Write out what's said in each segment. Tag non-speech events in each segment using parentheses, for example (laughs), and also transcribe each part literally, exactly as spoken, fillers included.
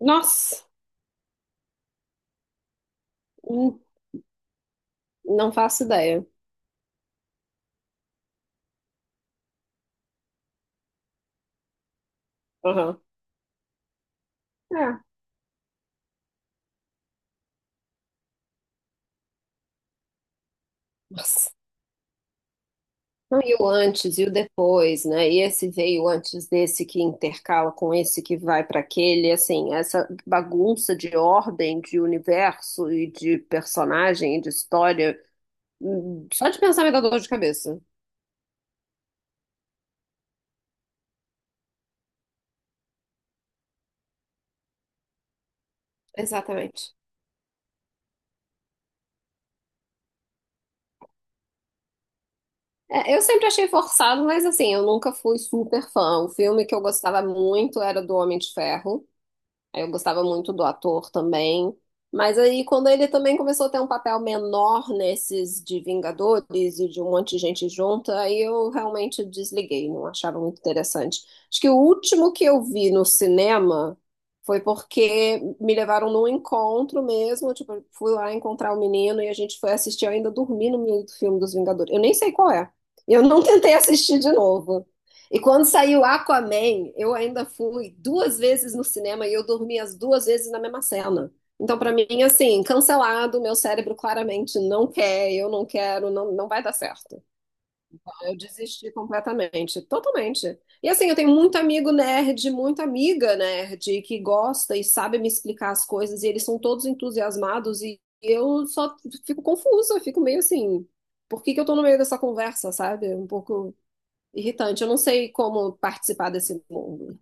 Nossa, hum, não faço ideia. Aham. É. Nossa. Não, e o antes e o depois, né? E esse veio antes desse que intercala com esse que vai para aquele, assim, essa bagunça de ordem, de universo e de personagem e de história, hum, só de pensar me dá dor de cabeça. Exatamente. É, eu sempre achei forçado, mas assim, eu nunca fui super fã. O filme que eu gostava muito era do Homem de Ferro. Aí eu gostava muito do ator também. Mas aí, quando ele também começou a ter um papel menor nesses de Vingadores e de um monte de gente junta, aí eu realmente desliguei, não achava muito interessante. Acho que o último que eu vi no cinema foi porque me levaram num encontro mesmo, tipo, eu fui lá encontrar o menino e a gente foi assistir, eu ainda dormi no meio do filme dos Vingadores. Eu nem sei qual é. Eu não (laughs) tentei assistir de novo. E quando saiu Aquaman, eu ainda fui duas vezes no cinema e eu dormi as duas vezes na mesma cena. Então, pra mim, assim, cancelado, meu cérebro claramente não quer, eu não quero, não, não vai dar certo. Eu desisti completamente, totalmente. E assim, eu tenho muito amigo nerd, muita amiga nerd que gosta e sabe me explicar as coisas, e eles são todos entusiasmados, e eu só fico confusa, fico meio assim, por que que eu tô no meio dessa conversa, sabe? Um pouco irritante. Eu não sei como participar desse mundo.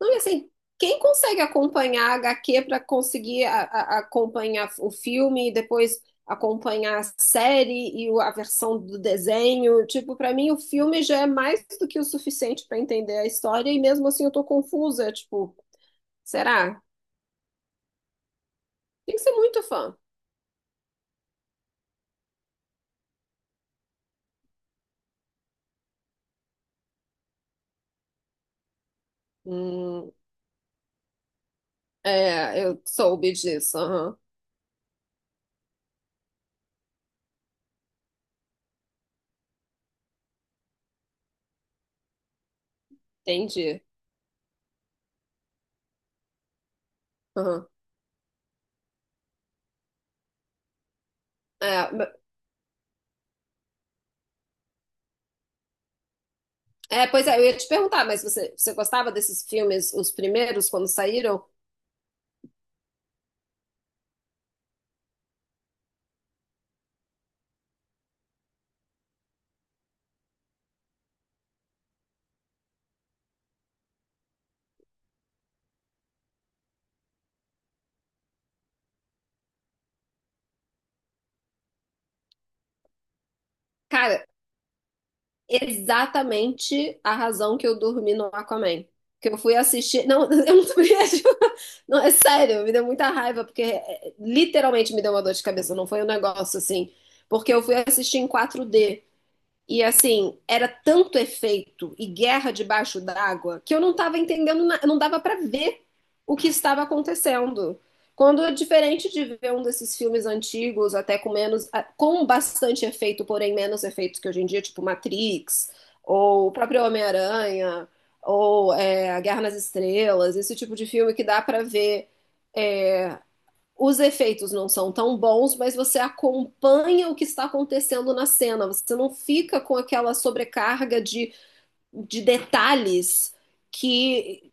Não, e assim, quem consegue acompanhar a H Q para conseguir a- a- acompanhar o filme e depois acompanhar a série e o- a versão do desenho? Tipo, para mim o filme já é mais do que o suficiente para entender a história e mesmo assim eu tô confusa, tipo, será? Tem que ser muito fã. Hum, é, eu soube disso, aham. Entendi. Aham. É, É, pois é, eu ia te perguntar, mas você, você gostava desses filmes, os primeiros, quando saíram? Cara, exatamente a razão que eu dormi no Aquaman. Que eu fui assistir. Não, (laughs) eu não tô brincando. (laughs) Não, é sério, me deu muita raiva, porque é, é, literalmente me deu uma dor de cabeça. Não foi um negócio assim. Porque eu fui assistir em quatro D. E assim, era tanto efeito e guerra debaixo d'água que eu não estava entendendo, na- não dava para ver o que estava acontecendo. Quando, é diferente de ver um desses filmes antigos, até com menos, a- com bastante efeito, porém menos efeitos que hoje em dia, tipo Matrix, ou o próprio Homem-Aranha, ou é, A Guerra nas Estrelas, esse tipo de filme que dá para ver é, os efeitos não são tão bons, mas você acompanha o que está acontecendo na cena. Você não fica com aquela sobrecarga de, de detalhes que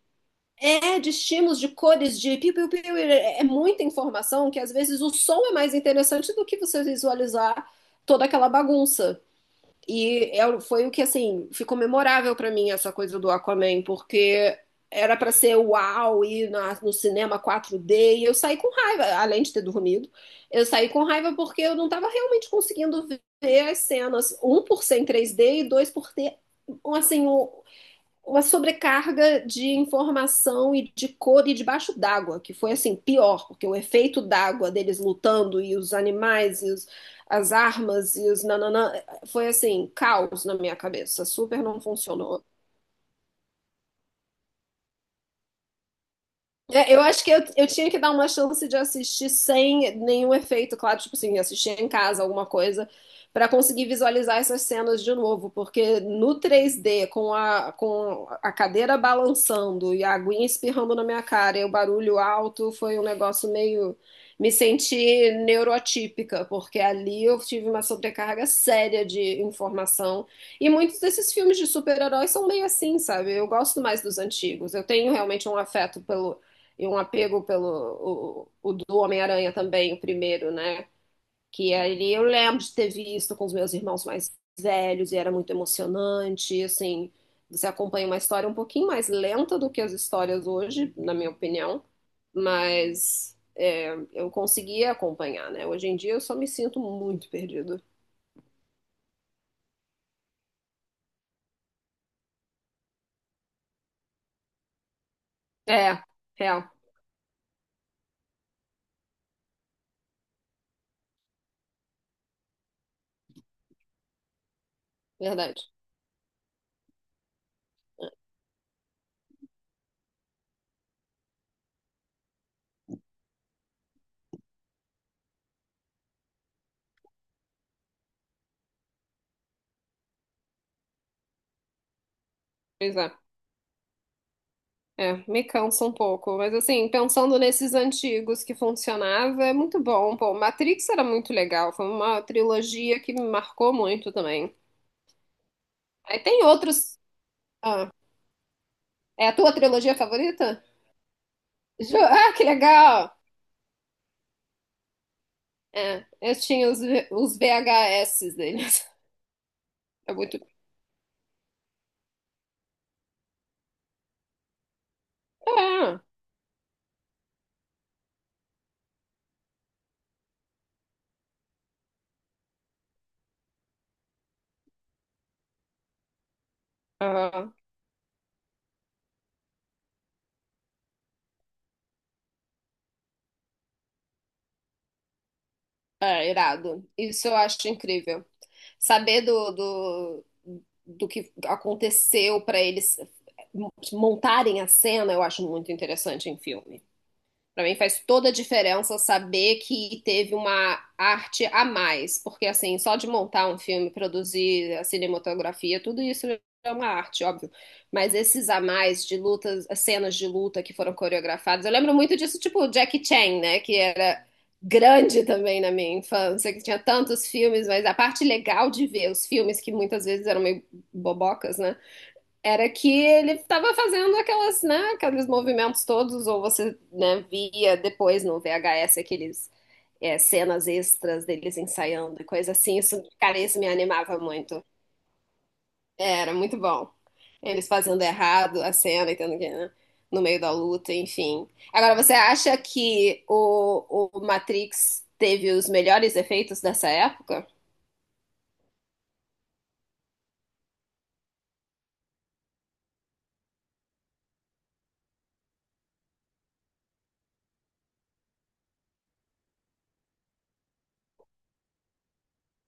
é de estímulos, de cores, de piu, piu, piu, é muita informação que às vezes o som é mais interessante do que você visualizar toda aquela bagunça. E eu- foi o que, assim, ficou memorável pra mim essa coisa do Aquaman, porque era pra ser uau, ir na- no cinema quatro D, e eu saí com raiva, além de ter dormido. Eu saí com raiva porque eu não tava realmente conseguindo ver as cenas, um por ser em três D e dois por ter, assim, um, uma sobrecarga de informação e de cor e debaixo d'água, que foi assim, pior, porque o efeito d'água deles lutando e os animais e os- as armas e os nananã, foi assim, caos na minha cabeça, super não funcionou. É, eu acho que eu, eu tinha que dar uma chance de assistir sem nenhum efeito, claro, tipo assim, assistir em casa alguma coisa, pra conseguir visualizar essas cenas de novo, porque no três D, com a, com a cadeira balançando e a aguinha espirrando na minha cara e o barulho alto, foi um negócio meio. Me senti neurotípica, porque ali eu tive uma sobrecarga séria de informação. E muitos desses filmes de super-heróis são meio assim, sabe? Eu gosto mais dos antigos. Eu tenho realmente um afeto pelo e um apego pelo o, o do Homem-Aranha também, o primeiro, né? Que ali eu lembro de ter visto com os meus irmãos mais velhos e era muito emocionante, assim, você acompanha uma história um pouquinho mais lenta do que as histórias hoje, na minha opinião, mas é, eu conseguia acompanhar, né? Hoje em dia eu só me sinto muito perdido. É, real, verdade. Pois é. É, me cansa um pouco, mas assim, pensando nesses antigos que funcionava, é muito bom. Pô, Matrix era muito legal, foi uma trilogia que me marcou muito também. Aí tem outros. Ah, é a tua trilogia favorita? Jo- (laughs) Ah, que legal! É, eu tinha os, V- os V H S deles. (laughs) É muito. É, ah, é irado. Isso eu acho incrível. Saber do, do, do que aconteceu para eles montarem a cena, eu acho muito interessante em filme. Para mim faz toda a diferença saber que teve uma arte a mais, porque assim, só de montar um filme, produzir a cinematografia, tudo isso é uma arte, óbvio. Mas esses a mais de lutas, as cenas de luta que foram coreografadas, eu lembro muito disso, tipo Jackie Chan, né, que era grande também na minha infância, que tinha tantos filmes, mas a parte legal de ver os filmes que muitas vezes eram meio bobocas, né? Era que ele estava fazendo aquelas, né, aqueles movimentos todos, ou você, né, via depois no V H S aqueles é, cenas extras deles ensaiando e coisa assim. Isso, cara, isso me animava muito. É, era muito bom. Eles fazendo errado a cena e tendo que, né, no meio da luta, enfim. Agora, você acha que o, o Matrix teve os melhores efeitos dessa época?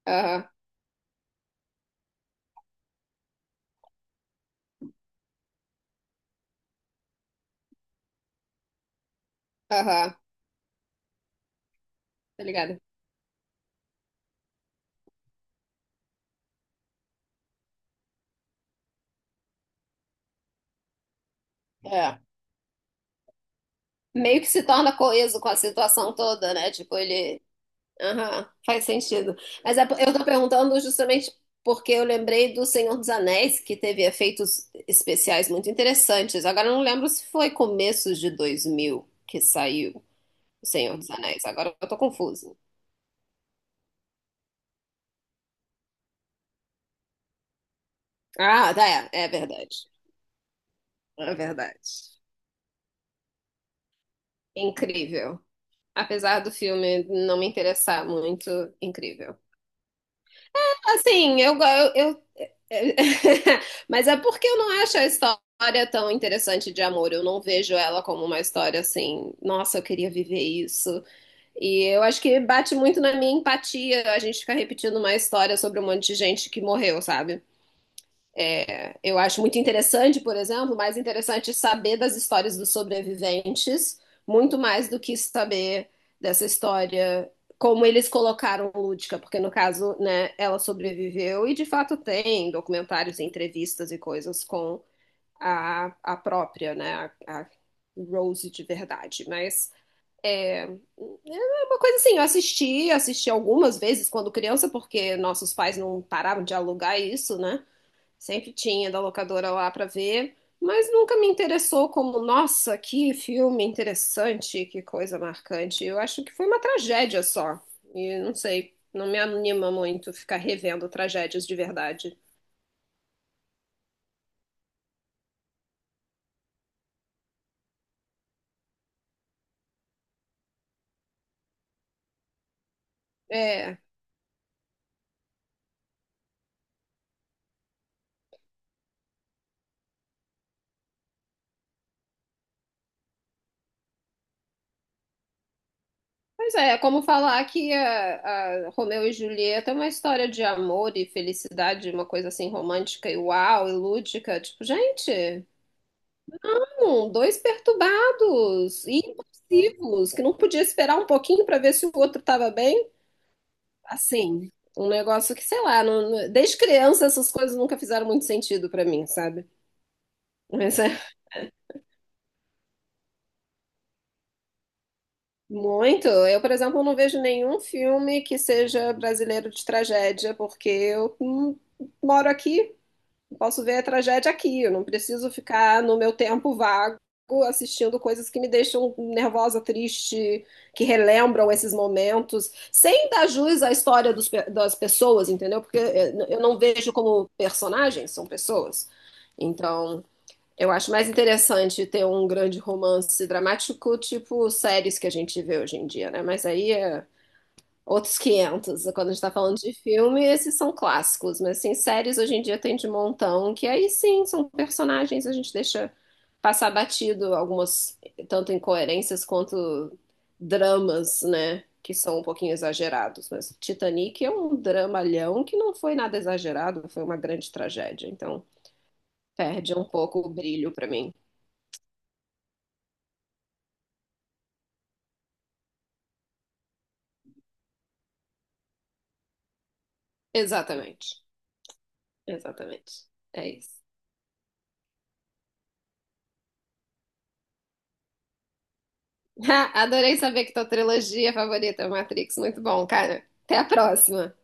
Aham, aham, tá ligado? É meio que se torna coeso com a situação toda, né? Tipo, ele. Aham, faz sentido. Mas é po- eu tô perguntando justamente porque eu lembrei do Senhor dos Anéis, que teve efeitos especiais muito interessantes. Agora eu não lembro se foi começos de dois mil que saiu o Senhor dos Anéis. Agora eu tô confusa. Ah, tá, é, é verdade. É verdade. Incrível. Apesar do filme não me interessar muito, incrível. Assim, eu, go- eu, eu (laughs) Mas é porque eu não acho a história tão interessante de amor. Eu não vejo ela como uma história assim, nossa, eu queria viver isso. E eu acho que bate muito na minha empatia a gente ficar repetindo uma história sobre um monte de gente que morreu, sabe? Eu acho muito interessante, por exemplo, mais interessante saber das histórias dos sobreviventes, muito mais do que saber dessa história, como eles colocaram Lúdica, porque no caso, né, ela sobreviveu e de fato tem documentários, entrevistas e coisas com a, a própria, né, a, a Rose de verdade, mas é uma coisa assim, eu assisti, assisti algumas vezes quando criança, porque nossos pais não paravam de alugar isso, né? Sempre tinha da locadora lá para ver, mas nunca me interessou como, nossa, que filme interessante, que coisa marcante. Eu acho que foi uma tragédia só. E não sei, não me anima muito ficar revendo tragédias de verdade. É, pois é, é como falar que a, a Romeu e Julieta é uma história de amor e felicidade, uma coisa assim romântica e uau, e lúdica. Tipo, gente. Um, dois perturbados e impulsivos, que não podia esperar um pouquinho para ver se o outro estava bem. Assim, um negócio que, sei lá, não- não- desde criança essas coisas nunca fizeram muito sentido para mim, sabe? Mas é muito. Eu, por exemplo, não vejo nenhum filme que seja brasileiro de tragédia, porque eu hum, moro aqui. Eu posso ver a tragédia aqui, eu não preciso ficar no meu tempo vago assistindo coisas que me deixam nervosa, triste, que relembram esses momentos, sem dar jus à história dos pe- das pessoas, entendeu? Porque eh, eu não vejo como personagens, são pessoas. Então, eu acho mais interessante ter um grande romance dramático, tipo séries que a gente vê hoje em dia, né? Mas aí é outros quinhentos. Quando a gente tá falando de filme, esses são clássicos. Mas, assim, séries hoje em dia tem de montão, que aí sim, são personagens, a gente deixa passar batido algumas, tanto incoerências quanto dramas, né? Que são um pouquinho exagerados. Mas Titanic é um dramalhão que não foi nada exagerado, foi uma grande tragédia. Então, perde um pouco o brilho pra mim. Exatamente. Exatamente. É isso. (laughs) Adorei saber que tua trilogia favorita é o Matrix. Muito bom, cara. Até a próxima.